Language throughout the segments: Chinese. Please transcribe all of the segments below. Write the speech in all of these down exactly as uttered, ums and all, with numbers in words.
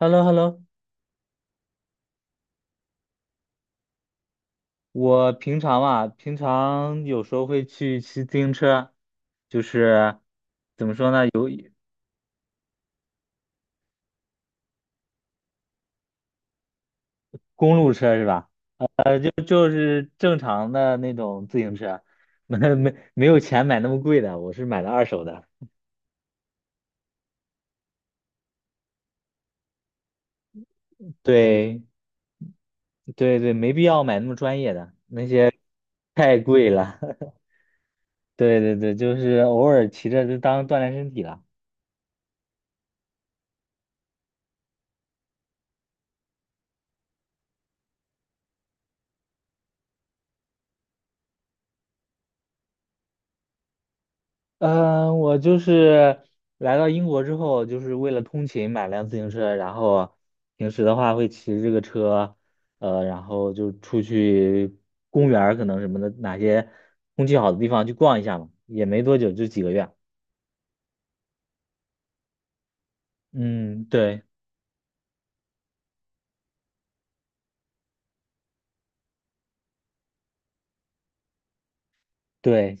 h e l l o h e l l o。 我平常啊，平常有时候会去骑自行车，就是公路车是吧？呃，就就是正常的那种自行车，没没没有钱买那么贵的，我是买的二手的。对对对，没必要买那么专业的，那些太贵了。对对对，就是偶尔骑着就当锻炼身体了。嗯，我就是来到英国之后，就是为了通勤买辆自行车，然后平时的话会骑着这个车，呃，然后就出去公园儿可能什么的，哪些空气好的地方去逛一下嘛，也没多久，就几个月。嗯，对对，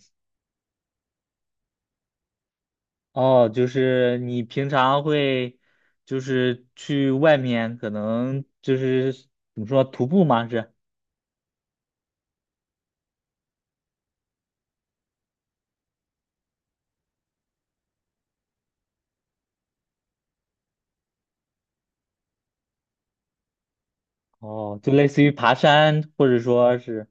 哦，就是你平常会就是去外面，可能就是怎么说徒步吗？是。哦，就类似于爬山，或者说是。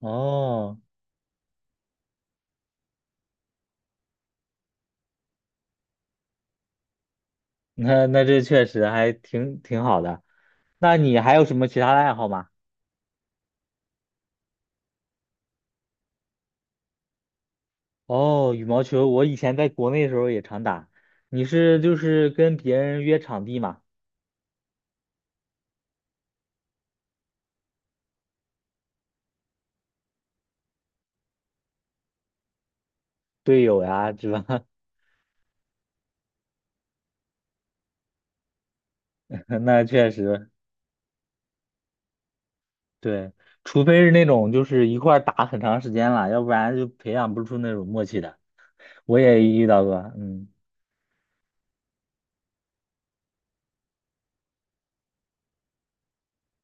哦。那那这确实还挺挺好的。那你还有什么其他的爱好吗？哦，羽毛球，我以前在国内的时候也常打。你是就是跟别人约场地嘛，队友呀，是吧？那确实，对，除非是那种就是一块儿打很长时间了，要不然就培养不出那种默契的。我也遇到过，嗯，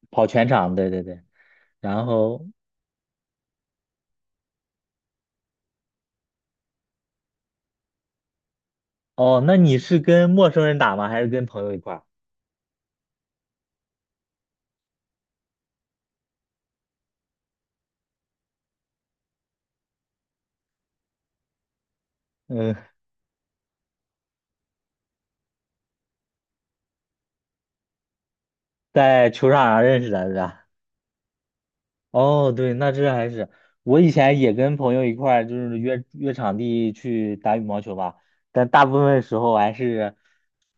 跑全场，对对对。然后，哦，那你是跟陌生人打吗？还是跟朋友一块儿？嗯，在球场上认识的，是吧？哦，对，那这还是我以前也跟朋友一块儿就是约约场地去打羽毛球吧，但大部分时候还是，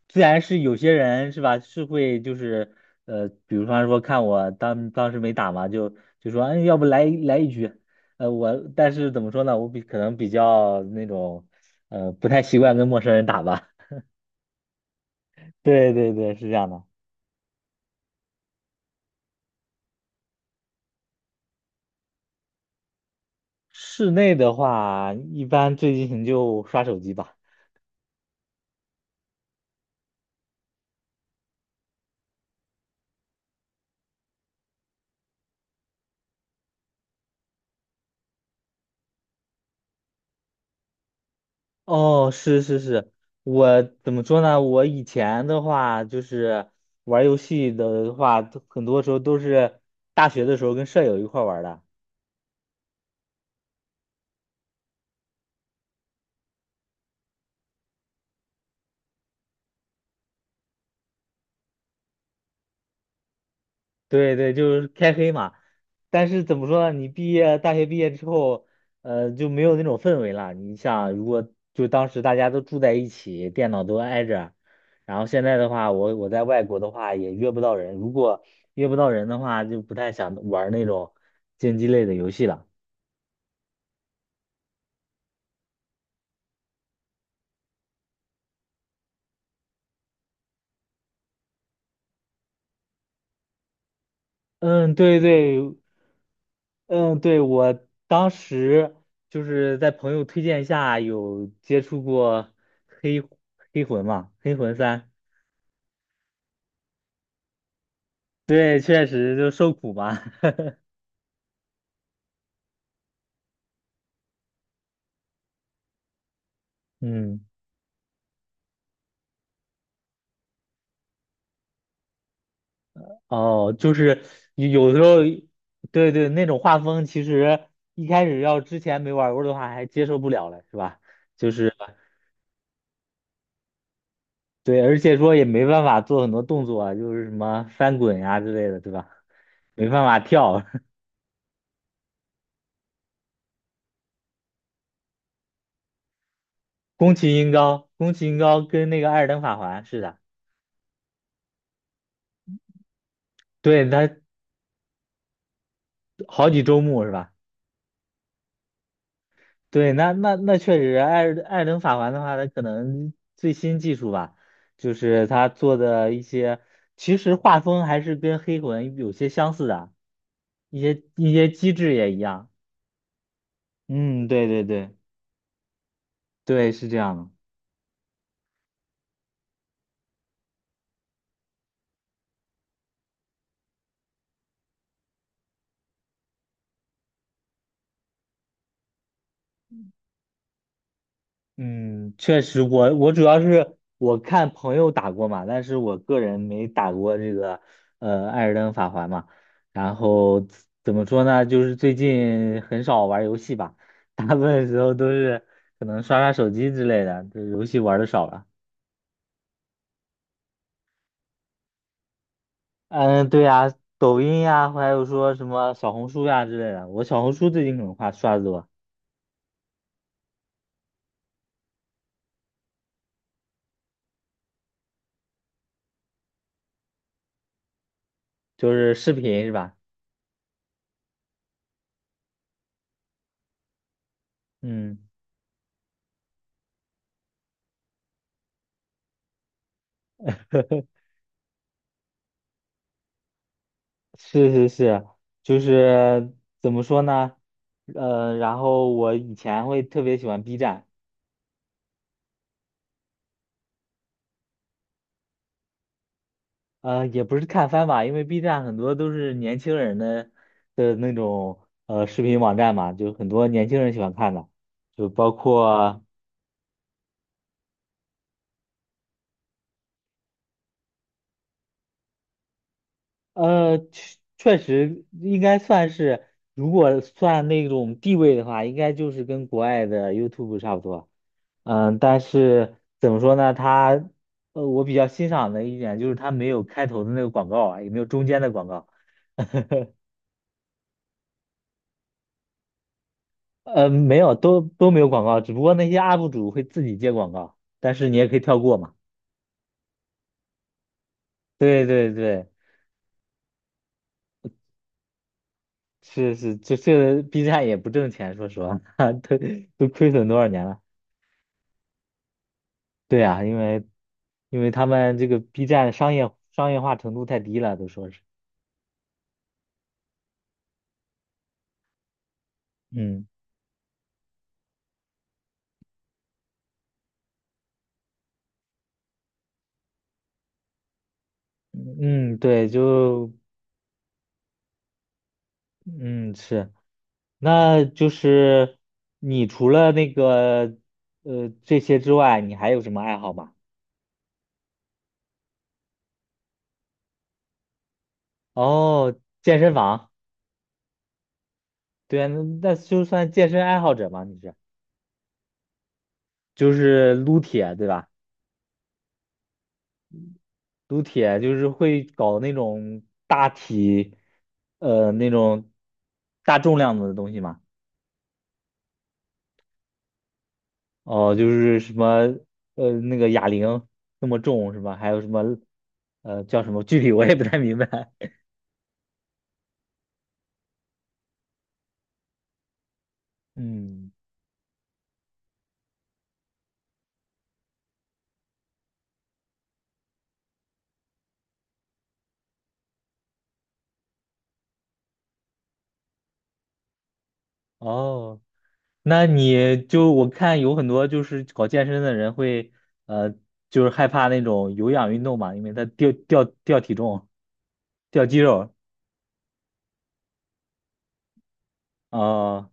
自然是有些人是吧，是会就是呃，比如方说看我当当时没打嘛，就就说哎，要不来来一局，呃，我但是怎么说呢，我比可能比较那种呃不太习惯跟陌生人打吧，对对对，是这样的。室内的话，一般最近就刷手机吧。哦，是是是，我怎么说呢？我以前的话就是玩儿游戏的话，都很多时候都是大学的时候跟舍友一块儿玩儿的。对对，就是开黑嘛。但是怎么说呢？你毕业，大学毕业之后，呃，就没有那种氛围了。你想，如果就当时大家都住在一起，电脑都挨着，然后现在的话，我我在外国的话也约不到人。如果约不到人的话，就不太想玩儿那种竞技类的游戏了。嗯，对对，嗯，对，我当时就是在朋友推荐下有接触过黑黑魂嘛，黑魂三，对，确实就受苦嘛，嗯，哦，就是有有时候，对对，那种画风其实一开始要之前没玩过的话还接受不了了，是吧？就是对，而且说也没办法做很多动作啊，就是什么翻滚呀、之类的，对吧？没办法跳，宫崎英高，宫崎英高跟那个《艾尔登法环》是的，对，他好几周目是吧？对，那那那确实，艾尔艾尔登法环的话，他可能最新技术吧，就是他做的一些，其实画风还是跟黑魂有些相似的，一些一些机制也一样。嗯，对对对对，是这样的。嗯，确实我，我主要是我看朋友打过嘛，但是我个人没打过这个呃《艾尔登法环》嘛。然后怎么说呢，就是最近很少玩游戏吧，大部分时候都是可能刷刷手机之类的，这游戏玩的少了。嗯，对呀，抖音呀，还有说什么小红书呀之类的，我小红书最近可能刷刷的多，就是视频是吧？嗯。是是是，就是怎么说呢？呃，然后我以前会特别喜欢 B 站，呃，也不是看番吧，因为 B 站很多都是年轻人的的那种呃视频网站嘛，就很多年轻人喜欢看的，就包括呃，确确实应该算是，如果算那种地位的话，应该就是跟国外的 YouTube 差不多。嗯，但是怎么说呢？它，呃，我比较欣赏的一点就是它没有开头的那个广告啊，也没有中间的广告，呃，没有，都都没有广告，只不过那些 U P 主会自己接广告，但是你也可以跳过嘛。对对对，是是，这这 B 站也不挣钱，说实话，都都亏损多少年了？对啊，因为因为他们这个 B 站商业商业化程度太低了，都说是，嗯嗯，对，就嗯是。那就是你除了那个呃这些之外，你还有什么爱好吗？哦，健身房，对啊，那那就算健身爱好者嘛，你是就是撸铁对吧？撸铁就是会搞那种大体呃那种大重量的东西嘛。哦，就是什么呃那个哑铃那么重是吧？还有什么呃叫什么？具体我也不太明白。嗯，哦。那你就我看有很多就是搞健身的人会，呃，就是害怕那种有氧运动嘛，因为他掉掉掉体重、掉肌肉，啊、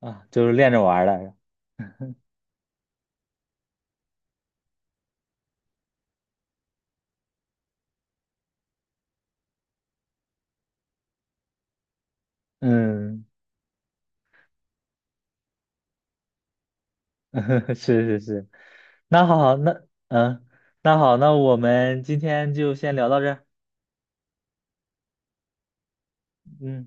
啊，就是练着玩儿的。嗯，是是是。那好，那嗯，那好，那我们今天就先聊到这儿。嗯。